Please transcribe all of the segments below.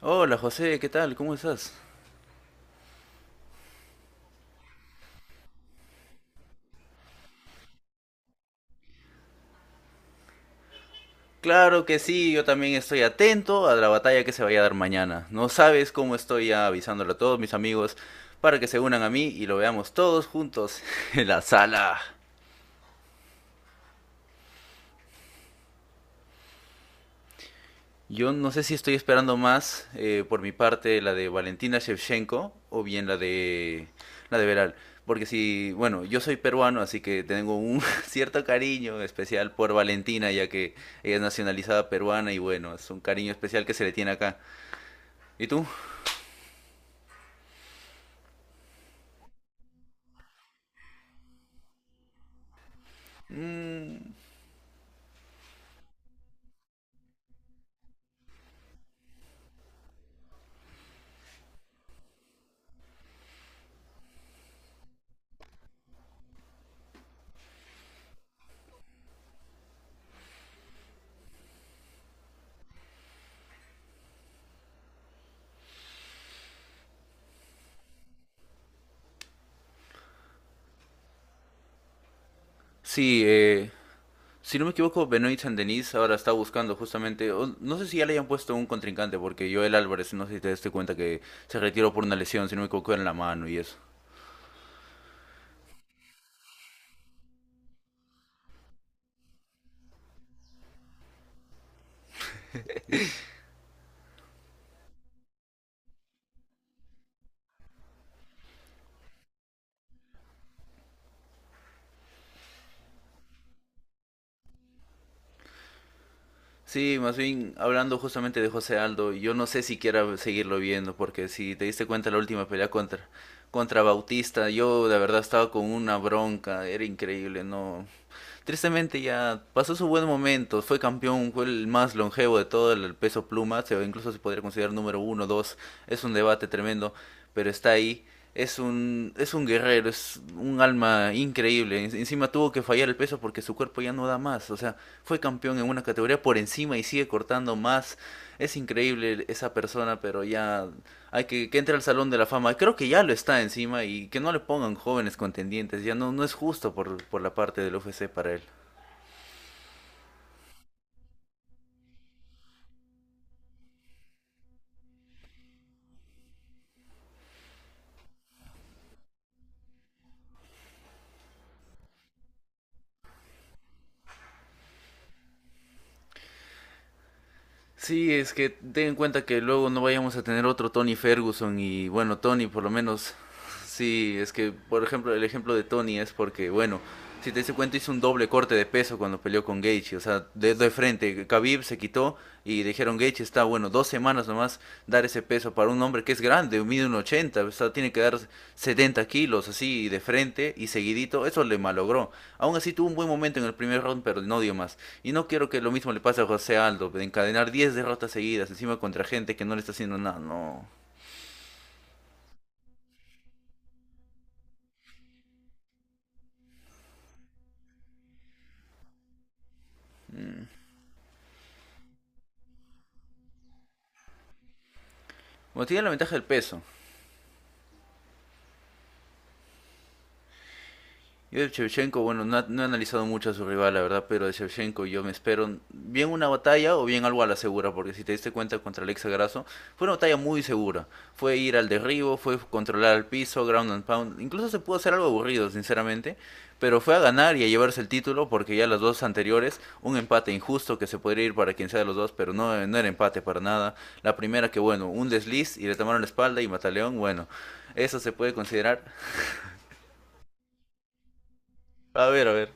Hola José, ¿qué tal? ¿Cómo estás? Claro que sí, yo también estoy atento a la batalla que se vaya a dar mañana. No sabes cómo estoy ya avisándole a todos mis amigos para que se unan a mí y lo veamos todos juntos en la sala. Yo no sé si estoy esperando más por mi parte la de Valentina Shevchenko o bien la de Veral, porque si, bueno, yo soy peruano, así que tengo un cierto cariño especial por Valentina, ya que ella es nacionalizada peruana y bueno, es un cariño especial que se le tiene acá. ¿Y tú? Sí, si no me equivoco, Benoit Saint-Denis ahora está buscando justamente, o no sé si ya le hayan puesto un contrincante, porque Joel Álvarez, no sé si te diste cuenta que se retiró por una lesión, si no me equivoco, en la mano y eso. Sí, más bien hablando justamente de José Aldo, yo no sé si quiera seguirlo viendo, porque si te diste cuenta la última pelea contra, Bautista, yo de verdad estaba con una bronca, era increíble, no. Tristemente ya pasó su buen momento, fue campeón, fue el más longevo de todo el peso pluma, incluso se podría considerar número uno, dos, es un debate tremendo, pero está ahí, es un guerrero, es un alma increíble, encima tuvo que fallar el peso porque su cuerpo ya no da más, o sea, fue campeón en una categoría por encima y sigue cortando más, es increíble esa persona, pero ya hay que entre al Salón de la Fama. Creo que ya lo está encima y que no le pongan jóvenes contendientes. Ya no, no es justo por la parte del UFC para él. Sí, es que ten en cuenta que luego no vayamos a tener otro Tony Ferguson y bueno, Tony por lo menos, sí, es que por ejemplo el ejemplo de Tony es porque bueno, si te das cuenta hizo un doble corte de peso cuando peleó con Gaethje, o sea, de frente, Khabib se quitó y dijeron Gaethje está bueno, 2 semanas nomás dar ese peso para un hombre que es grande, mide un 80, o sea, tiene que dar 70 kilos así de frente y seguidito, eso le malogró. Aún así tuvo un buen momento en el primer round, pero no dio más. Y no quiero que lo mismo le pase a José Aldo, de encadenar 10 derrotas seguidas encima contra gente que no le está haciendo nada, no. Bueno, tiene la ventaja del peso. Yo de Shevchenko, bueno, no, no he analizado mucho a su rival, la verdad, pero de Shevchenko yo me espero bien una batalla o bien algo a la segura, porque si te diste cuenta contra Alexa Grasso, fue una batalla muy segura. Fue ir al derribo, fue controlar al piso, ground and pound, incluso se pudo hacer algo aburrido, sinceramente, pero fue a ganar y a llevarse el título, porque ya las dos anteriores, un empate injusto que se podría ir para quien sea de los dos, pero no era empate para nada. La primera que, bueno, un desliz y le tomaron la espalda y Mataleón, bueno, eso se puede considerar. A ver, a ver.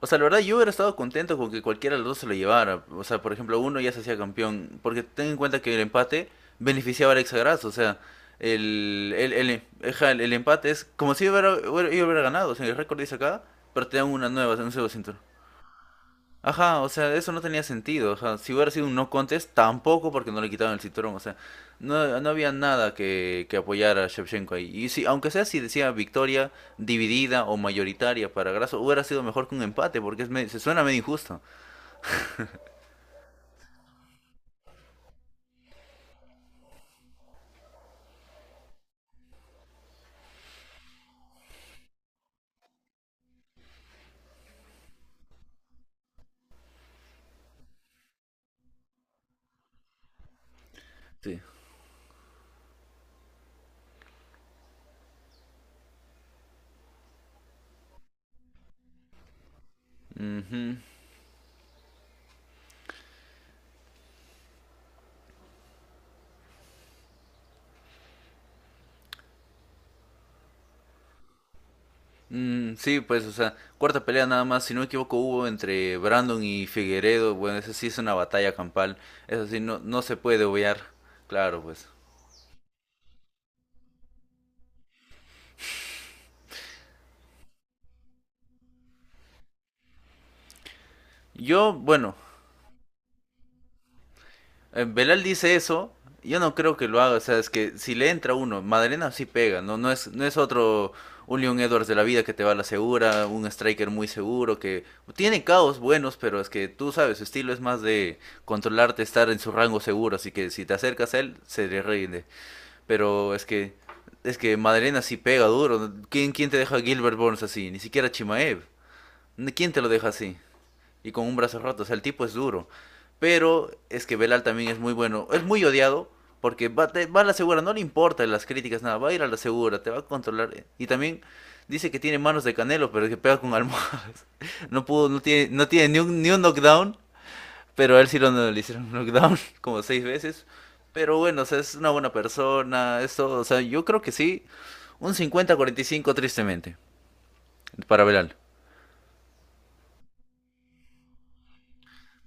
O sea, la verdad yo hubiera estado contento con que cualquiera de los dos se lo llevara. O sea, por ejemplo, uno ya se hacía campeón. Porque ten en cuenta que el empate beneficiaba al Exagras. O sea, el, el, el, ajá, el empate es como si hubiera, yo hubiera ganado. O sea, el récord dice acá, pero te dan una nueva, o sea, un nuevo cinturón. Ajá, o sea, eso no tenía sentido. O sea, si hubiera sido un no contest, tampoco porque no le quitaron el cinturón. O sea, no había nada que apoyar a Shevchenko ahí. Y si, aunque sea si decía victoria dividida o mayoritaria para Grasso, hubiera sido mejor que un empate porque es se suena medio injusto. Sí. Mm, sí, pues, o sea, cuarta pelea nada más, si no me equivoco, hubo entre Brandon y Figueredo. Bueno, eso sí es una batalla campal. Eso sí, no se puede obviar. Claro, pues. Yo, bueno, Belal dice eso, yo no creo que lo haga, o sea, es que si le entra uno, Madalena sí pega, no, no es otro un Leon Edwards de la vida que te va a la segura, un striker muy seguro, que tiene caos buenos, pero es que tú sabes, su estilo es más de controlarte, estar en su rango seguro, así que si te acercas a él, se le rinde. Pero es que Madalena sí pega duro, ¿no? ¿Quién te deja a Gilbert Burns así? Ni siquiera Chimaev, ¿quién te lo deja así? Y con un brazo roto. O sea, el tipo es duro. Pero es que Belal también es muy bueno. Es muy odiado porque va, va a la segura, no le importa las críticas, nada. Va a ir a la segura, te va a controlar. Y también dice que tiene manos de canelo, pero que pega con almohadas. No pudo, no tiene ni un, ni un knockdown. Pero a él sí lo, no, le hicieron un knockdown como seis veces. Pero bueno, o sea, es una buena persona. Eso, o sea, yo creo que sí. Un 50-45 tristemente para Belal.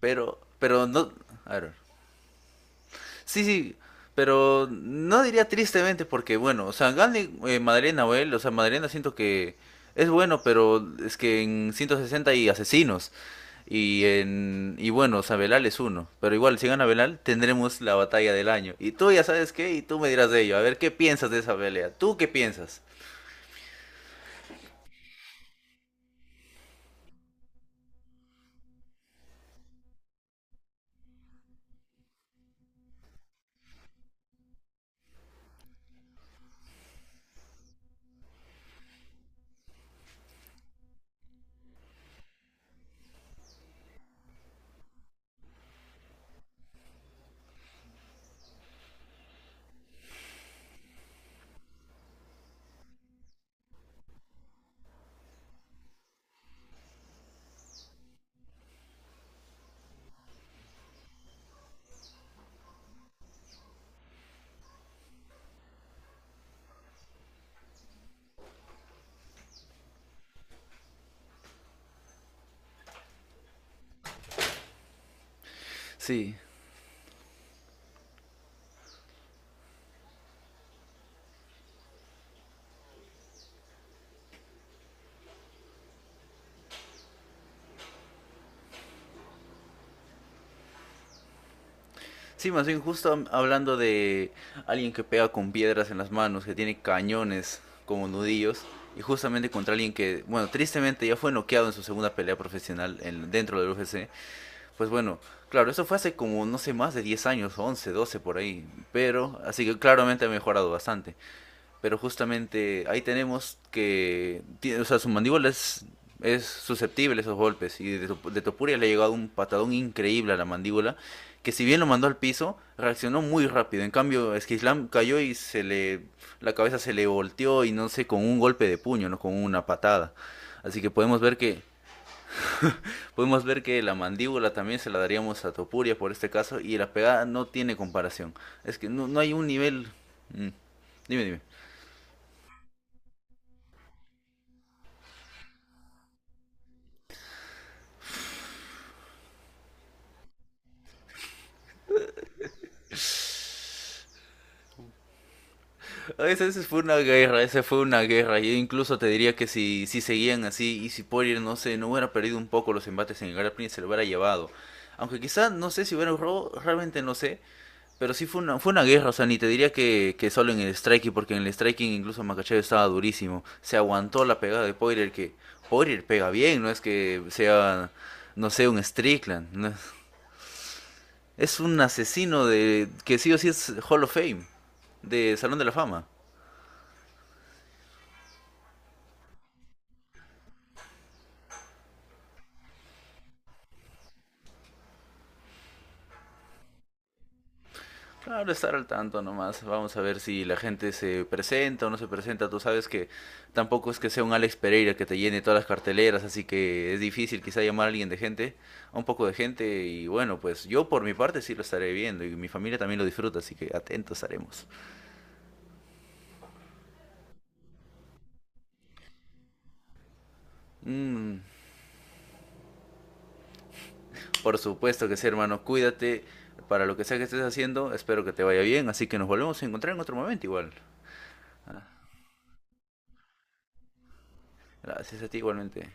Pero no... A ver, sí, sí, pero no diría tristemente porque, bueno, o sea, Gandhi, Madalena, Nahuel, o sea, Madalena siento que es bueno, pero es que en 160 hay asesinos. Y en y bueno, o sea, Belal es uno. Pero igual, si gana Belal, tendremos la batalla del año. Y tú ya sabes qué, y tú me dirás de ello. A ver, ¿qué piensas de esa pelea? ¿Tú qué piensas? Sí. Sí, más bien justo hablando de alguien que pega con piedras en las manos, que tiene cañones como nudillos, y justamente contra alguien que, bueno, tristemente ya fue noqueado en su segunda pelea profesional dentro del UFC, pues bueno, claro, eso fue hace como, no sé, más de 10 años, 11, 12 por ahí, pero, así que claramente ha mejorado bastante. Pero justamente ahí tenemos que, o sea, su mandíbula es susceptible a esos golpes. Y de Topuria le ha llegado un patadón increíble a la mandíbula, que si bien lo mandó al piso, reaccionó muy rápido. En cambio, Esquislam cayó y la cabeza se le volteó y no sé, con un golpe de puño, no con una patada. Así que podemos ver que la mandíbula también se la daríamos a Topuria por este caso y la pegada no tiene comparación. Es que no hay un nivel... Mm. Dime, dime. Esa, esa fue una guerra. Yo incluso te diría que si, si seguían así y si Poirier, no sé, no hubiera perdido un poco los embates en grappling se lo hubiera llevado. Aunque quizás, no sé si hubiera un robo, realmente no sé. Pero sí fue una, o sea, ni te diría que solo en el striking, porque en el striking incluso Makachev estaba durísimo. Se aguantó la pegada de Poirier, que Poirier pega bien, no es que sea, no sé, un Strickland. No es, Es un asesino de que sí o sí es Hall of Fame, de Salón de la Fama. Claro, estar al tanto nomás. Vamos a ver si la gente se presenta o no se presenta. Tú sabes que tampoco es que sea un Alex Pereira que te llene todas las carteleras, así que es difícil quizá llamar a alguien de gente, a un poco de gente. Y bueno, pues yo por mi parte sí lo estaré viendo y mi familia también lo disfruta, así que atentos estaremos. Mm, por supuesto que sí, hermano. Cuídate para lo que sea que estés haciendo. Espero que te vaya bien, así que nos volvemos a encontrar en otro momento igual. Gracias a ti igualmente.